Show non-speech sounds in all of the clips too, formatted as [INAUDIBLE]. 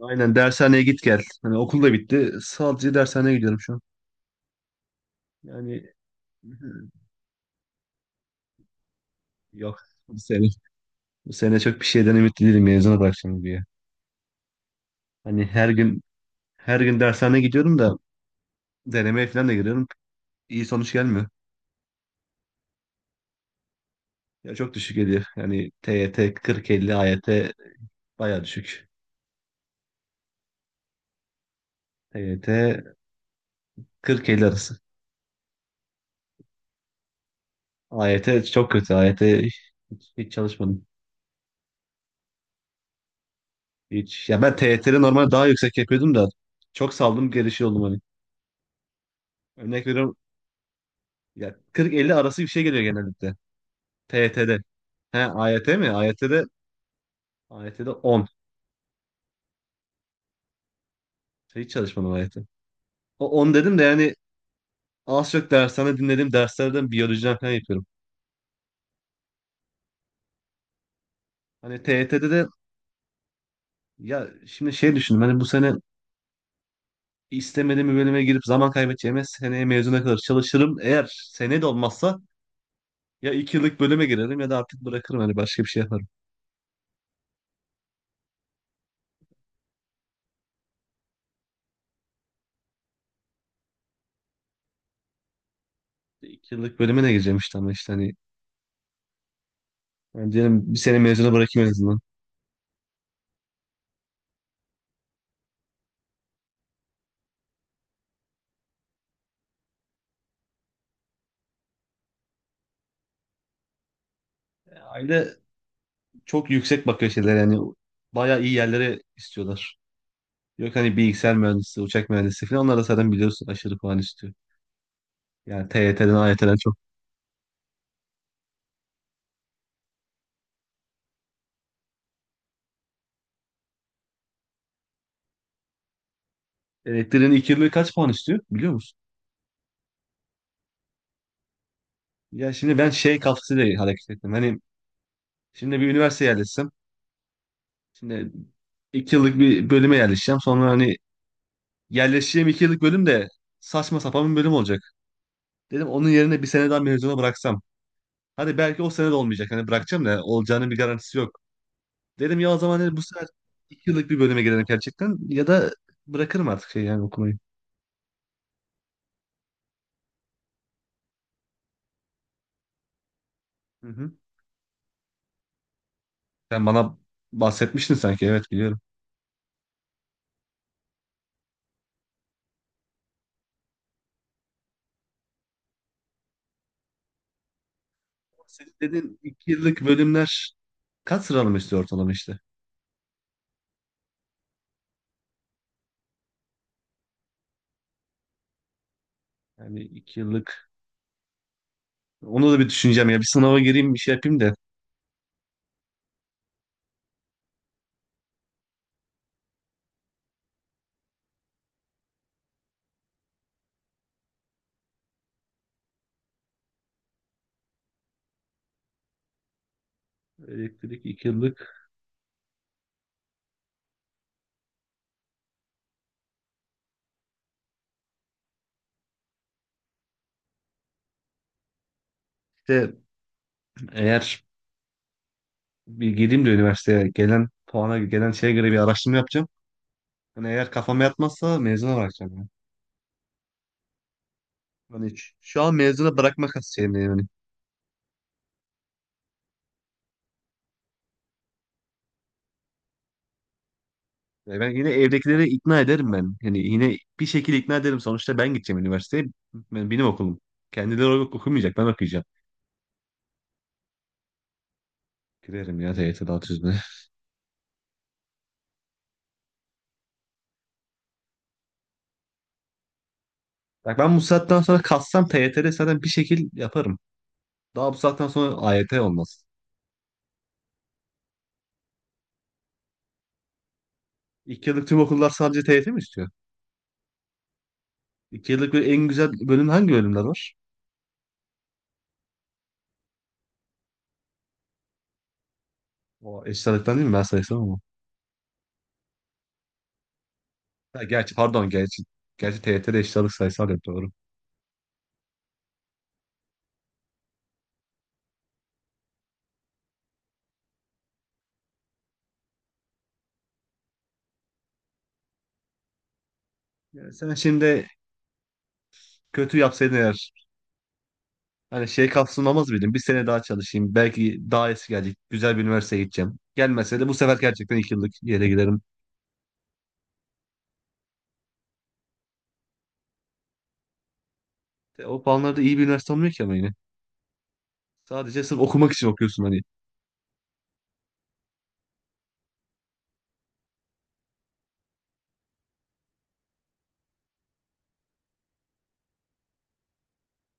Aynen dershaneye git gel. Hani okul da bitti. Sadece dershaneye gidiyorum şu an. Yani [LAUGHS] yok bu sene. Bu sene çok bir şeyden ümitli değilim mezuna bırakacağım diye. Hani her gün her gün dershaneye gidiyorum da denemeye falan da giriyorum. İyi sonuç gelmiyor. Ya çok düşük geliyor. Yani TYT 40-50, AYT bayağı düşük. TYT 40-50 arası. AYT çok kötü. AYT hiç, hiç çalışmadım. Hiç. Ya ben TYT'de normal daha yüksek yapıyordum da çok saldım gelişi oldum hani. Örnek veriyorum, ya 40-50 arası bir şey geliyor genellikle. TYT'de. He AYT mi? AYT'de 10. Hiç çalışmadım AYT. O 10 dedim de yani az çok dershane dinlediğim derslerden biyolojiden falan yapıyorum. Hani TYT'de de ya şimdi şey düşündüm hani bu sene istemediğim bir bölüme girip zaman kaybedeceğime seneye mezuna kadar çalışırım. Eğer sene de olmazsa ya 2 yıllık bölüme girerim ya da artık bırakırım hani başka bir şey yaparım. 2 yıllık bölüme ne gireceğim işte ama işte hani yani diyelim bir sene mezuna bırakayım en azından. Aile çok yüksek bakıyor şeyler yani, bayağı iyi yerlere istiyorlar. Yok hani bilgisayar mühendisi, uçak mühendisi falan onlar da zaten biliyorsun aşırı puan istiyor. Yani T1'ten TYT'den, AYT'den çok. Elektriğin ilk yılı kaç puan istiyor, biliyor musun? Ya şimdi ben şey kafasıyla hareket ettim. Hani şimdi bir üniversiteye yerleşsem, şimdi iki yıllık bir bölüme yerleşeceğim. Sonra hani yerleşeceğim iki yıllık bölüm de saçma sapan bir bölüm olacak. Dedim onun yerine bir sene daha mezuna bıraksam. Hadi belki o sene de olmayacak. Hani bırakacağım da olacağının bir garantisi yok. Dedim ya, o zaman dedim, bu sefer iki yıllık bir bölüme girelim gerçekten ya da bırakırım artık şey yani okumayı. Hı hı. Sen bana bahsetmiştin sanki, evet biliyorum. Senin dediğin iki yıllık bölümler kaç sıralama istiyor ortalama işte? Yani iki yıllık, onu da bir düşüneceğim ya, bir sınava gireyim bir şey yapayım da. Elektrik iki yıllık. İşte eğer bir gireyim de üniversiteye gelen puana gelen şeye göre bir araştırma yapacağım. Hani eğer kafama yatmazsa mezuna bırakacağım yani. Hani şu an mezuna bırakmak şeyim yani. Ya, ben yine evdekileri ikna ederim ben. Yani yine bir şekilde ikna ederim. Sonuçta ben gideceğim üniversiteye. Ben, benim okulum. Kendileri okumayacak. Ben okuyacağım. Girerim ya TYT'de alt yüzüne. Bak ben bu saatten sonra kassam TYT'de zaten bir şekil yaparım. Daha bu saatten sonra AYT olmaz. İki yıllık tüm okullar sadece TYT mi istiyor? İki yıllık böyle en güzel bölüm hangi bölümler var? O eşit ağırlıktan değil mi? Ben sayısal ama. Ha, gerçi pardon, gerçi. Gerçi TYT'de eşit ağırlık sayısal yok, doğru. Ya sen şimdi kötü yapsaydın eğer. Hani şey kapsamamaz mıydım? Bir sene daha çalışayım. Belki daha iyisi gelecek. Güzel bir üniversiteye gideceğim. Gelmese de bu sefer gerçekten iki yıllık yere giderim. O puanlarda iyi bir üniversite olmuyor ki ama yine. Sadece sırf okumak için okuyorsun hani.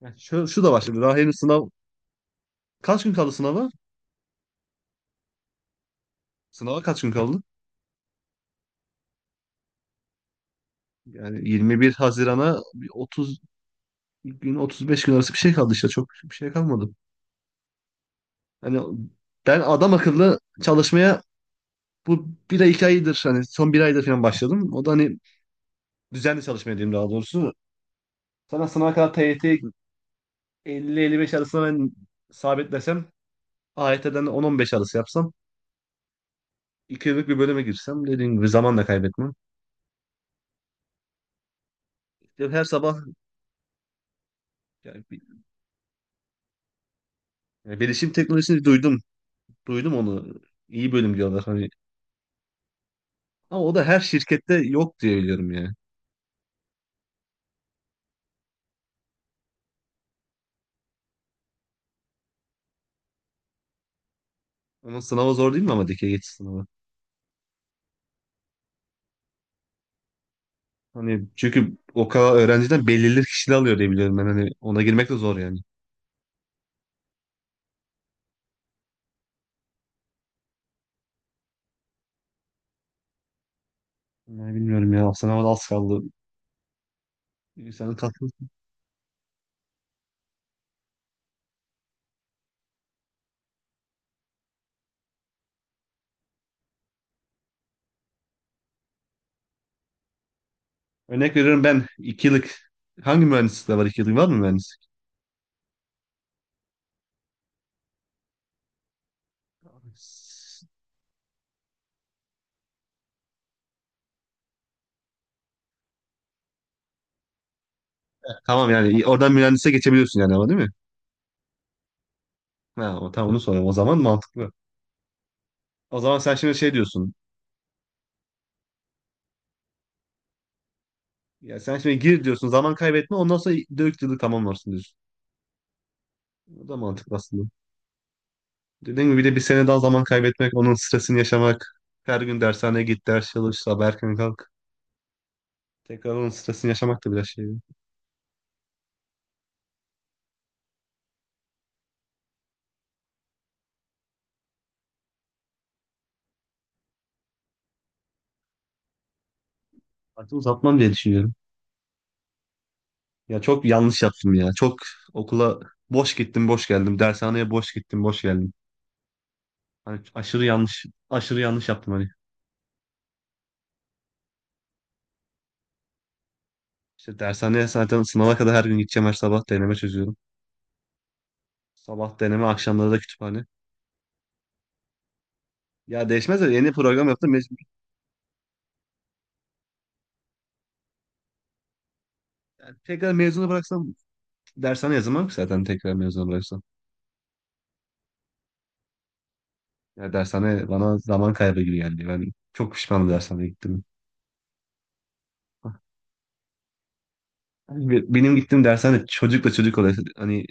Yani şu da var şimdi. Daha henüz sınav... Kaç gün kaldı sınava? Sınava kaç gün kaldı? Yani 21 Haziran'a bir 30 gün, 35 gün arası bir şey kaldı işte. Çok bir şey kalmadı. Hani ben adam akıllı çalışmaya bu bir ay iki aydır, hani son bir ayda falan başladım. O da hani düzenli çalışmaya diyeyim, daha doğrusu. Sana sınava kadar TYT 50-55 arasına ben sabitlesem, AYT'den 10-15 arası yapsam, 2 yıllık bir bölüme girsem dediğim gibi zaman da kaybetmem. İşte her sabah yani, bilişim teknolojisini duydum. Duydum onu. İyi bölüm diyorlar hani. Ama o da her şirkette yok diye biliyorum yani. Onun sınavı zor değil mi ama, dikey geçiş sınavı? Hani çünkü o kadar öğrenciden belirli kişiler alıyor diye biliyorum ben, hani ona girmek de zor yani. Yani bilmiyorum ya, sınava da az kaldı. Senin katkın Örnek veriyorum, ben iki yıllık hangi mühendislikte var, iki yıllık var mı mühendislik? Tamam yani oradan mühendise geçebiliyorsun yani, ama değil mi? Ha, o, tamam, onu soruyorum. O zaman mantıklı. O zaman sen şimdi şey diyorsun. Ya sen şimdi gir diyorsun. Zaman kaybetme. Ondan sonra dört yıllık tamamlarsın diyorsun. O da mantıklı aslında. Dediğim gibi bir de bir sene daha zaman kaybetmek, onun stresini yaşamak. Her gün dershaneye git, ders çalış, sabah erken kalk. Tekrar onun stresini yaşamak da biraz şey. Artık uzatmam diye düşünüyorum. Ya çok yanlış yaptım ya. Çok okula boş gittim, boş geldim. Dershaneye boş gittim, boş geldim. Hani aşırı yanlış, aşırı yanlış yaptım hani. İşte dershaneye zaten sınava kadar her gün gideceğim, her sabah deneme çözüyorum. Sabah deneme, akşamları da kütüphane. Ya değişmez de yeni program yaptım. Yani tekrar mezunu bıraksam dershane yazamam ki, zaten tekrar mezunu bıraksam. Ya dershane bana zaman kaybı gibi geldi. Ben çok pişmanım, dershaneye gittim. Ah. Hani benim gittiğim dershane çocukla çocuk oluyor. Hani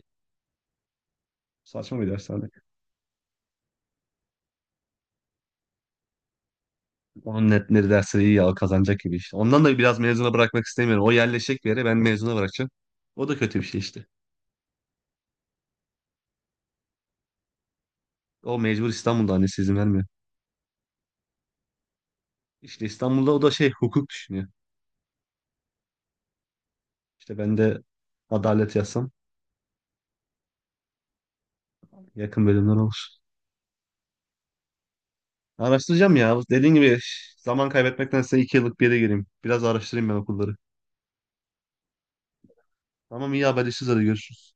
saçma bir dershane. On net netleri, dersleri iyi al kazanacak gibi işte. Ondan da biraz mezuna bırakmak istemiyorum. O yerleşecek bir yere, ben mezuna bırakacağım. O da kötü bir şey işte. O mecbur İstanbul'da, annesi izin vermiyor. İşte İstanbul'da o da şey hukuk düşünüyor. İşte ben de adalet yazsam yakın bölümler olur. Araştıracağım ya. Dediğin gibi zaman kaybetmektense iki yıllık bir yere gireyim. Biraz araştırayım ben okulları. Tamam, iyi, haberleşiriz, hadi görüşürüz.